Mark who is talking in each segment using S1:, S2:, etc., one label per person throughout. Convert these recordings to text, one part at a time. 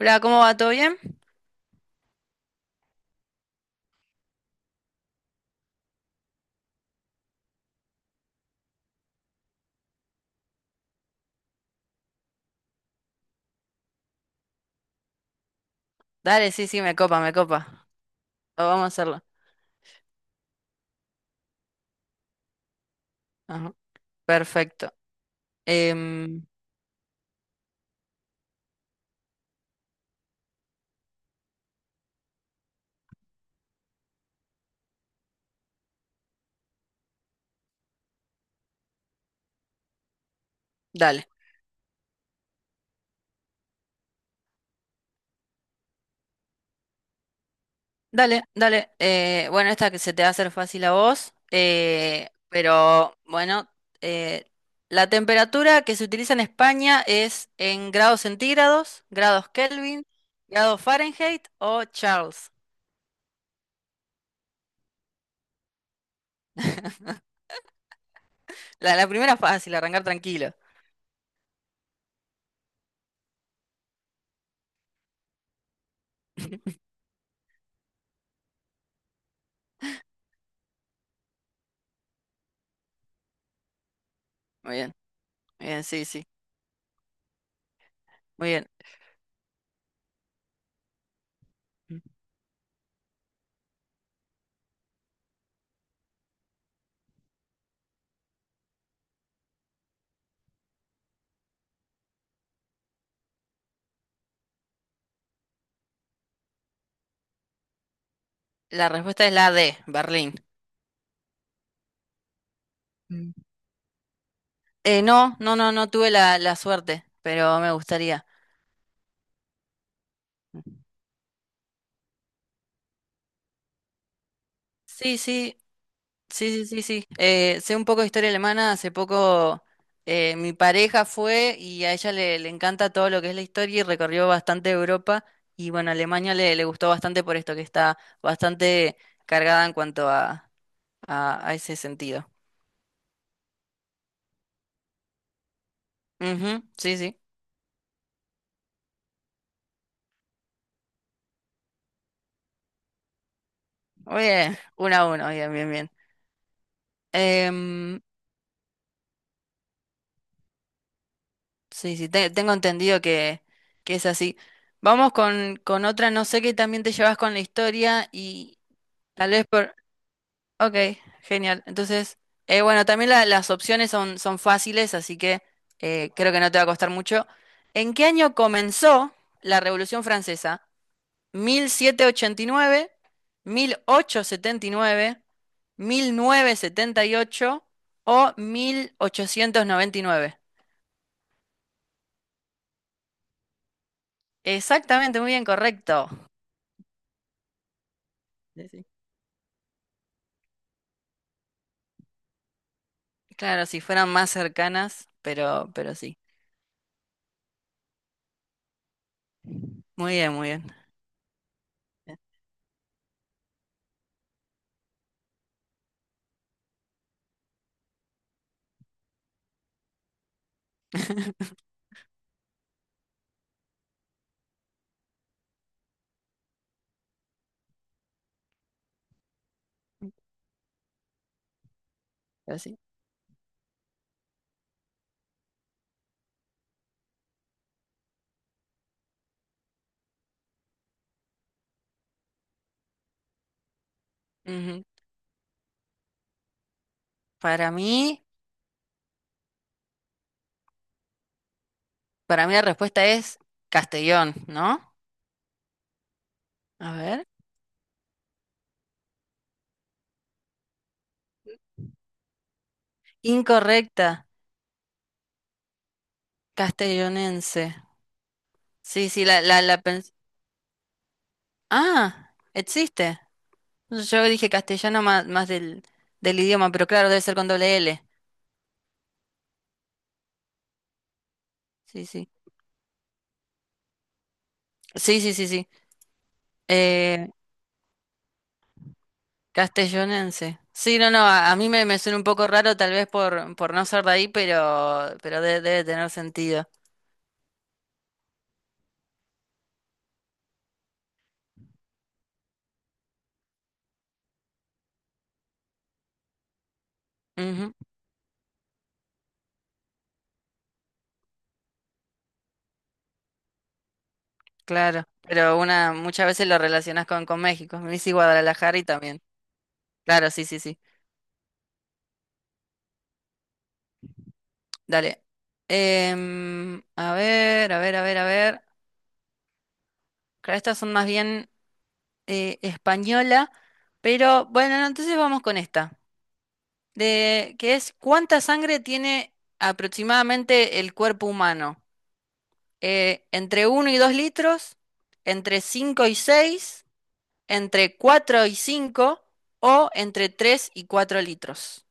S1: Hola, ¿cómo va? ¿Todo bien? Dale, sí, sí, me copa, me copa. Ah, vamos a hacerlo. Ajá, perfecto. Em, dale, dale, dale. Bueno, esta que se te va a hacer fácil a vos, pero bueno, eh, la temperatura que se utiliza en España es en grados centígrados, grados Kelvin, grados Fahrenheit o Charles. La primera fácil, arrancar tranquilo. Muy bien, muy bien, sí, sí, muy bien. La respuesta es la D, Berlín. No, no, no, no tuve la suerte, pero me gustaría. Sí, sí, sí, sí, sí, sí. Sé un poco de historia alemana. Hace poco mi pareja fue y a ella le encanta todo lo que es la historia y recorrió bastante Europa. Y bueno, Alemania le gustó bastante por esto, que está bastante cargada en cuanto a ese sentido. Ujú, sí, sí. Muy bien, uno a uno, bien, bien, bien. Em, Sí, sí, tengo entendido que es así. Vamos con otra, no sé qué también te llevas con la historia y tal vez por... Ok, genial. Entonces, bueno, también las opciones son, son fáciles, así que creo que no te va a costar mucho. ¿En qué año comenzó la Revolución Francesa? Mil setecientos ochenta y nueve, nueve, ochocientos setenta y nueve, mil novecientos setenta y ocho o 1899. Exactamente, muy bien, correcto. Sí, sí. Claro, si fueran más cercanas, pero sí. Muy bien, muy bien. Pero sí. Ujú. Para mí, para mí la respuesta es Castellón, ¿no? A ver. Incorrecta, castellonense. Sí, sí, la Ah, existe. Yo dije castellano más, del, del idioma, pero claro, debe ser con doble L. Sí, sí. Sí, sí, sí, sí. Eh, Castellonense. Sí, no, no, a mí me suena un poco raro tal vez por no ser de ahí, pero debe tener sentido. Ujú, claro, pero una muchas veces lo relacionas con México. Me dice Guadalajara y también. Claro, sí, sí, sí. Dale. A ver, a ver, a ver, a ver. Claro, estas son más bien española, pero bueno, no, entonces vamos con esta. De, que es ¿cuánta sangre tiene aproximadamente el cuerpo humano? Entre uno y 2 litros, entre 5 y 6, entre 4 y 5 o entre 3 y 4 litros.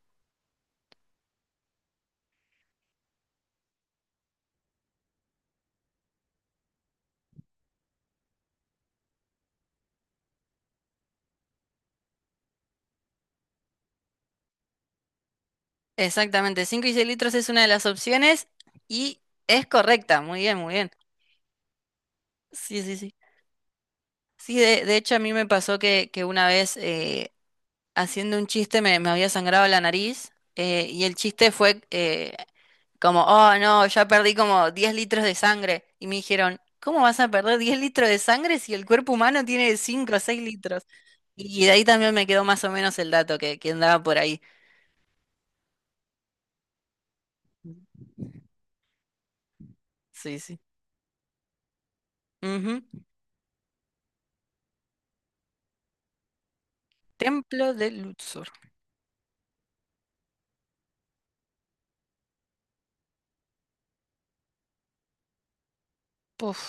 S1: Exactamente, cinco y seis litros es una de las opciones y es correcta. Muy bien, muy bien. Sí, sí, sí. Sí, de hecho a mí me pasó que una vez haciendo un chiste me había sangrado la nariz y el chiste fue, como, oh no, ya perdí como 10 litros de sangre. Y me dijeron, ¿cómo vas a perder 10 litros de sangre si el cuerpo humano tiene 5 o 6 litros? Y de ahí también me quedó más o menos el dato que andaba por ahí. Sí, sí. Ujú. Templo de Luxor. Puf.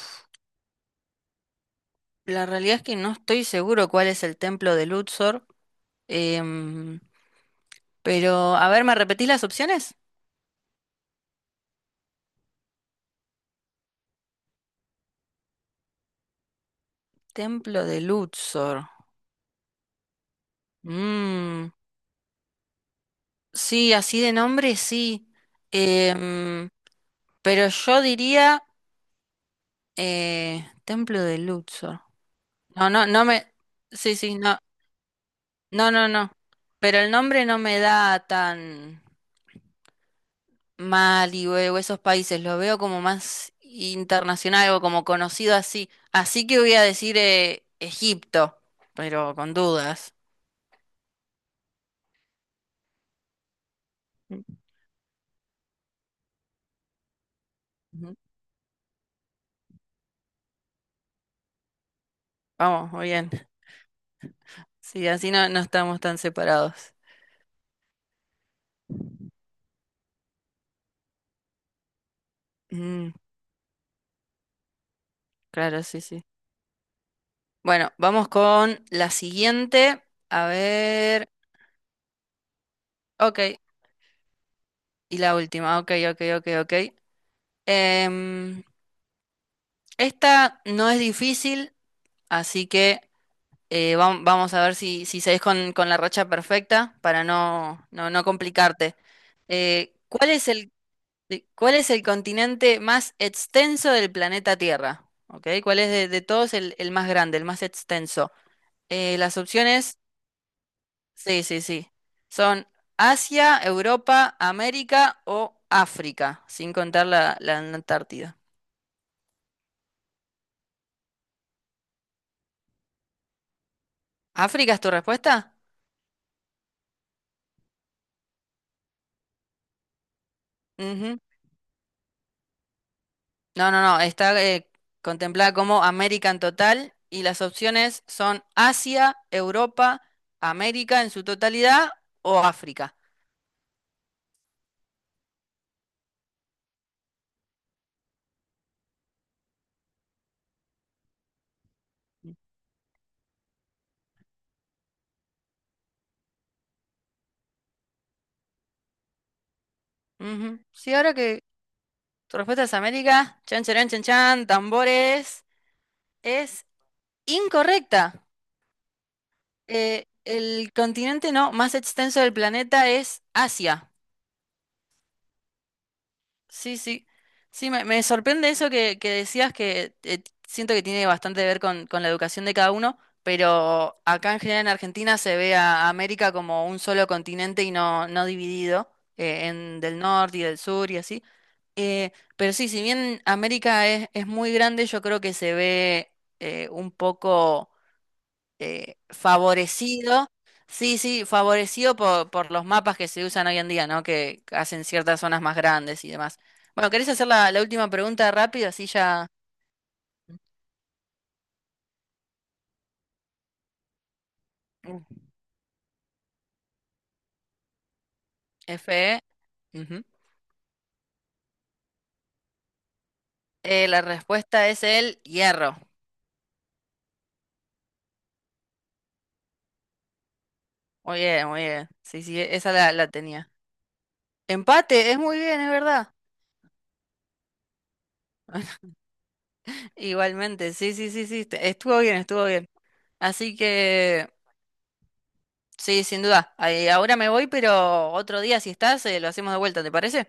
S1: La realidad es que no estoy seguro cuál es el templo de Luxor. em, pero, a ver, ¿me repetís las opciones? Templo de Luxor. Mm, Sí, así de nombre, sí. Em, pero yo diría Templo de Luxor. No, no, no me... Sí, sí, no. No, no, no. Pero el nombre no me da tan Mali o esos países. Lo veo como más internacional o como conocido así. Así que voy a decir Egipto, pero con dudas. Mm, ujú. Vamos, muy bien. Sí, así no, no estamos tan separados. Mm, claro, sí, sí. Bueno, vamos con la siguiente. A ver. Ok. Y la última. Ok, ok, ok, ok. Em, Esta no es difícil, así que vamos a ver si, si seguís con la racha perfecta para no, no, no complicarte. ¿Cuál es cuál es el continente más extenso del planeta Tierra? ¿Ok? ¿Cuál es de todos el más grande, el más extenso? Las opciones sí, sí, sí, son Asia, Europa, América o África, sin contar la Antártida. ¿África es tu respuesta? Ujú. No, no, no. Está contemplada como América en total y las opciones son Asia, Europa, América en su totalidad o África. Ujú. Sí, ahora que tu respuesta es América, chan, chan, chan, chan, tambores, es incorrecta. El continente no, más extenso del planeta es Asia. Sí, sí. Sí, me sorprende eso que decías que siento que tiene bastante que ver con la educación de cada uno, pero acá en general en Argentina se ve a América como un solo continente y no, no dividido en del norte y del sur y así. Pero sí, si bien América es muy grande, yo creo que se ve un poco favorecido, sí, sí, favorecido por los mapas que se usan hoy en día, ¿no? Que hacen ciertas zonas más grandes y demás. Bueno, ¿querés hacer la, la última pregunta rápido? Así ya. Mm. FE. Ujú. La respuesta es el hierro. Muy bien, muy bien. Sí, sí, esa la, la tenía. Empate, es muy bien, es verdad. Igualmente, sí, sí, sí, sí. Estuvo bien, estuvo bien. Así que, sí, sin duda. Ahí, ahora me voy, pero otro día, si estás, lo hacemos de vuelta, ¿te parece?